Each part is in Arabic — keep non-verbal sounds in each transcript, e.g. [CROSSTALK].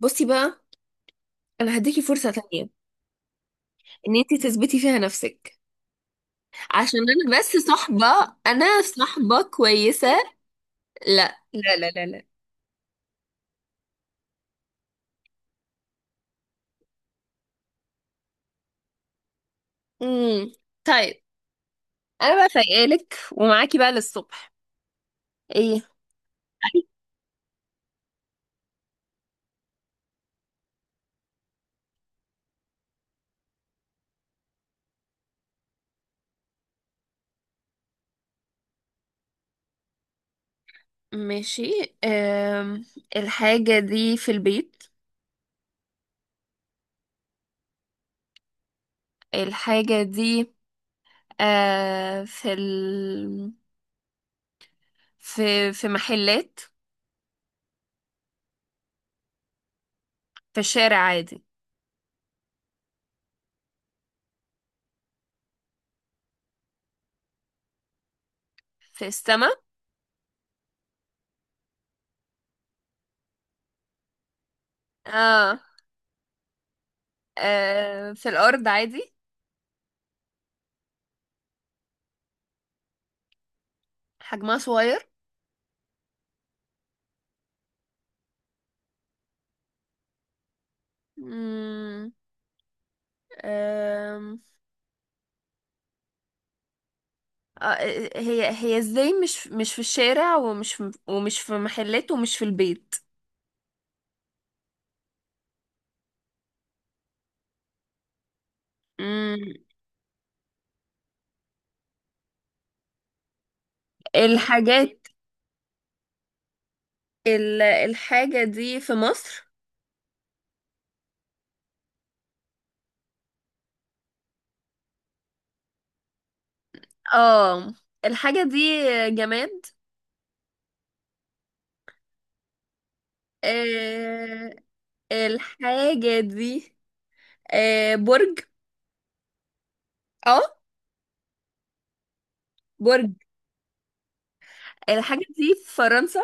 بصي بقى، انا هديكي فرصة تانية ان انتي تثبتي فيها نفسك، عشان انا صاحبة كويسة. لا لا لا لا لا. امم طيب، انا بقى فايقالك ومعاكي بقى للصبح. ايه؟ ماشي. أم... الحاجة دي في البيت. الحاجة دي أه... في ال... في محلات. في الشارع عادي. في السما. اه. آه، في الأرض عادي. حجمها صغير. مم. أم. آه، هي ازاي مش في الشارع ومش في محلات ومش في البيت؟ مم. الحاجات. الحاجة دي في مصر؟ اه. الحاجة دي جماد. آه، الحاجة دي. آه، برج. اه برج. الحاجة دي في فرنسا.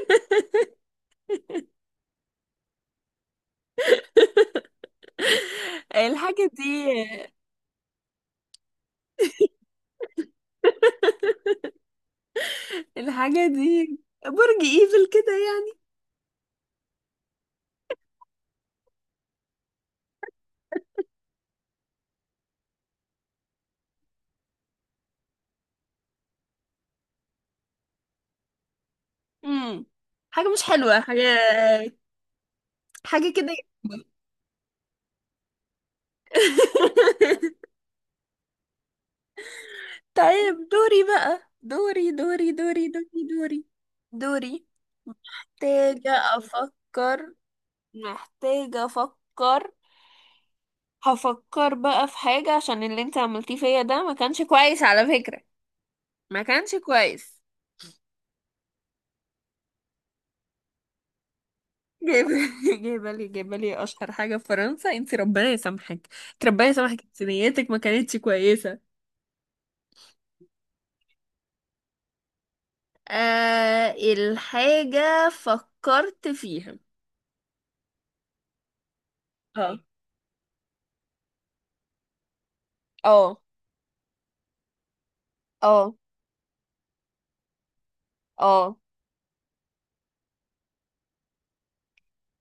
[LAUGHS] الحاجة دي الحاجة دي برج ايفل كده يعني؟ امم حاجة مش حلوة، حاجة كده. [LAUGHS] طيب دوري بقى، دوري دوري دوري دوري. دوري دوري. محتاجة أفكر. محتاجة أفكر. هفكر بقى في حاجة، عشان اللي انت عملتيه فيا ده ما كانش كويس على فكرة. ما كانش كويس. جايبة! [LAUGHS] جايبة لي، جايبة لي أشهر حاجة في فرنسا؟ انت ربنا يسامحك، انت ربنا يسامحك، انت نيتك ما كانتش كويسة. آه الحاجة فكرت فيها. اه. اه. اه. اه.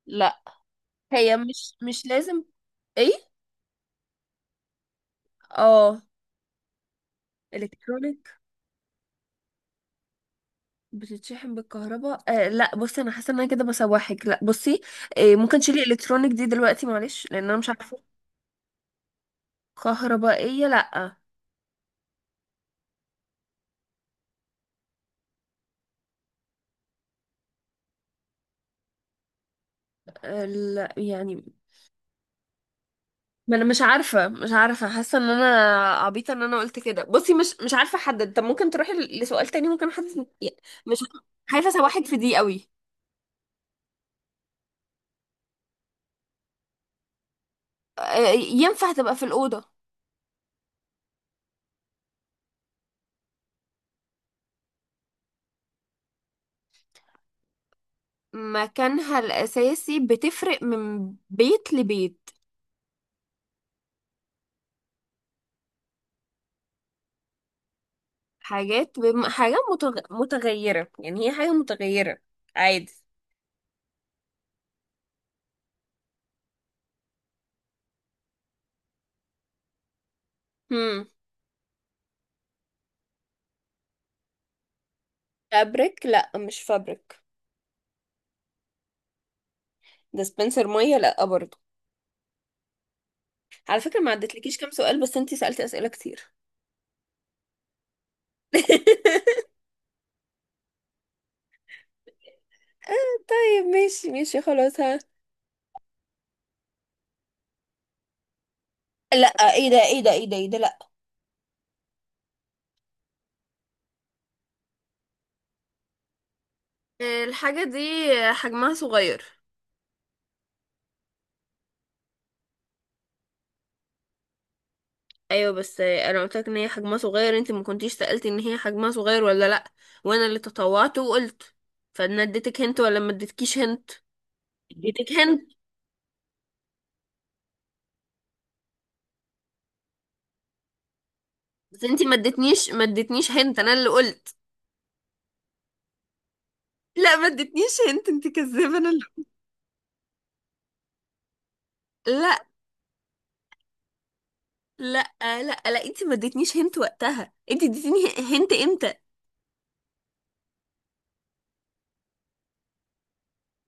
لا، هي مش لازم. ايه؟ اه. الكترونيك. بتتشحن بالكهرباء؟ آه لا، بصي، انا حاسه ان انا كده بسوحك. لا بصي، آه ممكن تشيلي الكترونيك دي دلوقتي، معلش، لان انا مش عارفه. كهربائيه؟ لا. آه لا يعني. ما انا مش عارفه، حاسه ان انا عبيطه ان انا قلت كده. بصي مش عارفه احدد. طب ممكن تروحي لسؤال تاني؟ ممكن حد. مش خايفه اسوحك في دي قوي. آه، ينفع تبقى في الاوضه. مكانها الاساسي بتفرق من بيت لبيت. حاجه متغيره يعني، هي حاجه متغيره عادي. هم. فابريك؟ لا مش فابريك. ديسبنسر ميه؟ لا برضه. على فكره ما عدتلكيش كام سؤال، بس انتي سالتي اسئله كتير. [LAUGHS] طيب ماشي، ماشي خلاص، ها. لا. ايه ده؟ ايه ده؟ ايه ده؟ ايه ده؟ لا. الحاجة دي حجمها صغير. ايوه، بس انا قلت لك ان هي حجمها صغير، انت ما كنتيش سألتي ان هي حجمها صغير ولا لا. وانا اللي تطوعت وقلت. فانا اديتك هنت ولا ما اديتكيش هنت؟ اديتك هنت. بس انت ما اديتنيش، هنت. انا اللي قلت. لا، ما اديتنيش هنت، انت كذابه، انا اللي. لا لا لا لا. انت ما اديتنيش هنت وقتها، انت اديتيني هنت امتى؟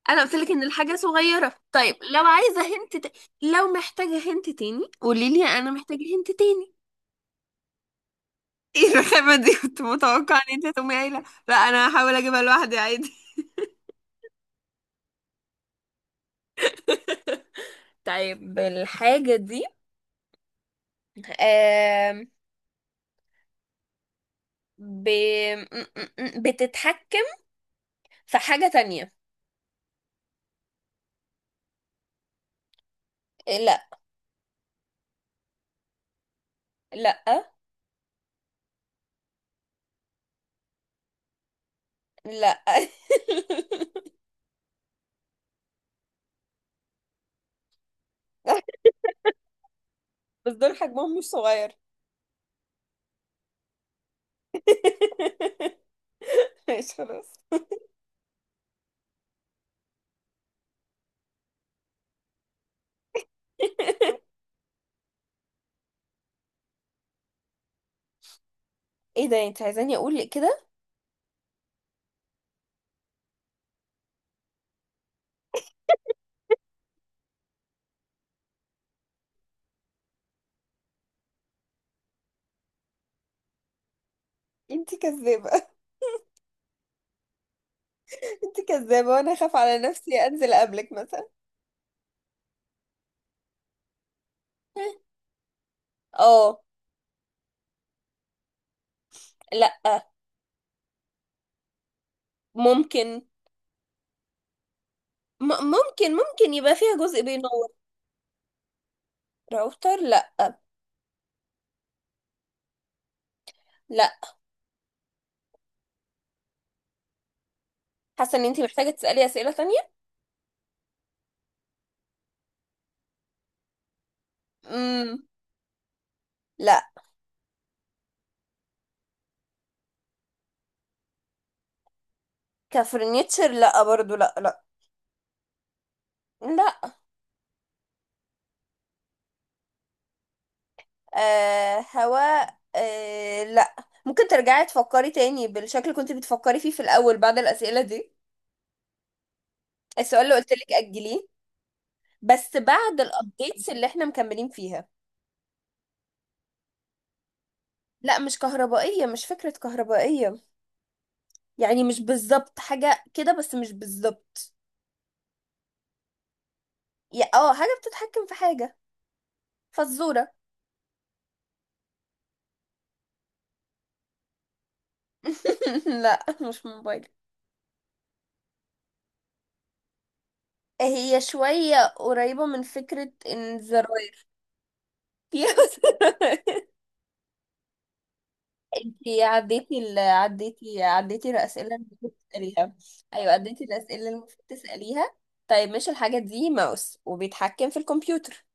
انا قلت لك ان الحاجه صغيره. طيب لو عايزه هنت لو محتاجه هنت تاني، قولي لي انا محتاجه هنت تاني. [LAUGHS] ايه الرخامه دي؟ كنت متوقعه ان انت تقومي قايله لا، انا هحاول اجيبها لوحدي عادي. [LAUGHS] طيب الحاجة دي، آم، ب... م- م- م- بتتحكم في حاجة تانية. إيه، لا. لا. لا. [LAUGHS] بس دول حجمهم مش صغير. [LAUGHS] ماشي خلاص. ايه ده؟ انت عايزاني اقول كده؟ انت كذابة، انت كذابة، وانا اخاف على نفسي انزل قبلك مثلا. اه. لا. ممكن. م ممكن ممكن يبقى فيها جزء بينور. راوتر؟ لا. لا. حاسة ان انت محتاجة تسألي اسئلة تانية. امم لا. كفرنيتشر؟ لا برضو. لا. لا. لا. آه، هواء؟ آه لا. ممكن ترجعي تفكري تاني بالشكل اللي كنت بتفكري فيه في الاول بعد الاسئلة دي. السؤال اللي قلت لك اجليه. بس بعد الابديتس اللي احنا مكملين فيها. لا مش كهربائية، مش فكرة كهربائية. يعني مش بالظبط حاجة كده، بس مش بالظبط. يا اه حاجة بتتحكم في حاجة. فزورة. [LAUGHS] لا مش موبايل. هي شوية قريبة من فكرة ان الزراير. [LAUGHS] فيها زراير. انتي عديتي عديتي الأسئلة اللي المفروض تسأليها. أيوة عديتي الأسئلة اللي المفروض تسأليها. طيب مش الحاجة دي ماوس وبيتحكم في الكمبيوتر؟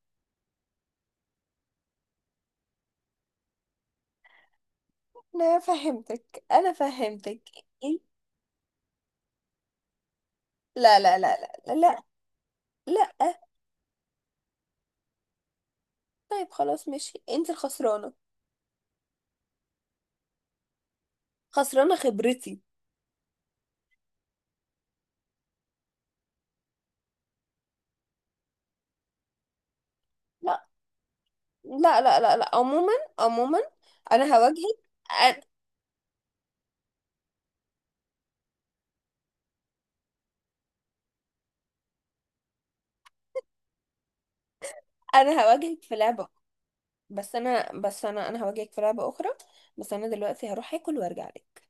أنا فهمتك، أنا فهمتك. إنت- لا لا لا. لا لا. لا. لا طيب خلاص ماشي، انت الخسرانة. خسرانة خبرتي. لا لا لا لا لا. عموما، عموما، انا هواجهك. أ- انا هواجهك في لعبة. بس انا بس انا انا هواجهك في لعبة اخرى. بس انا دلوقتي هروح اكل وارجع لك.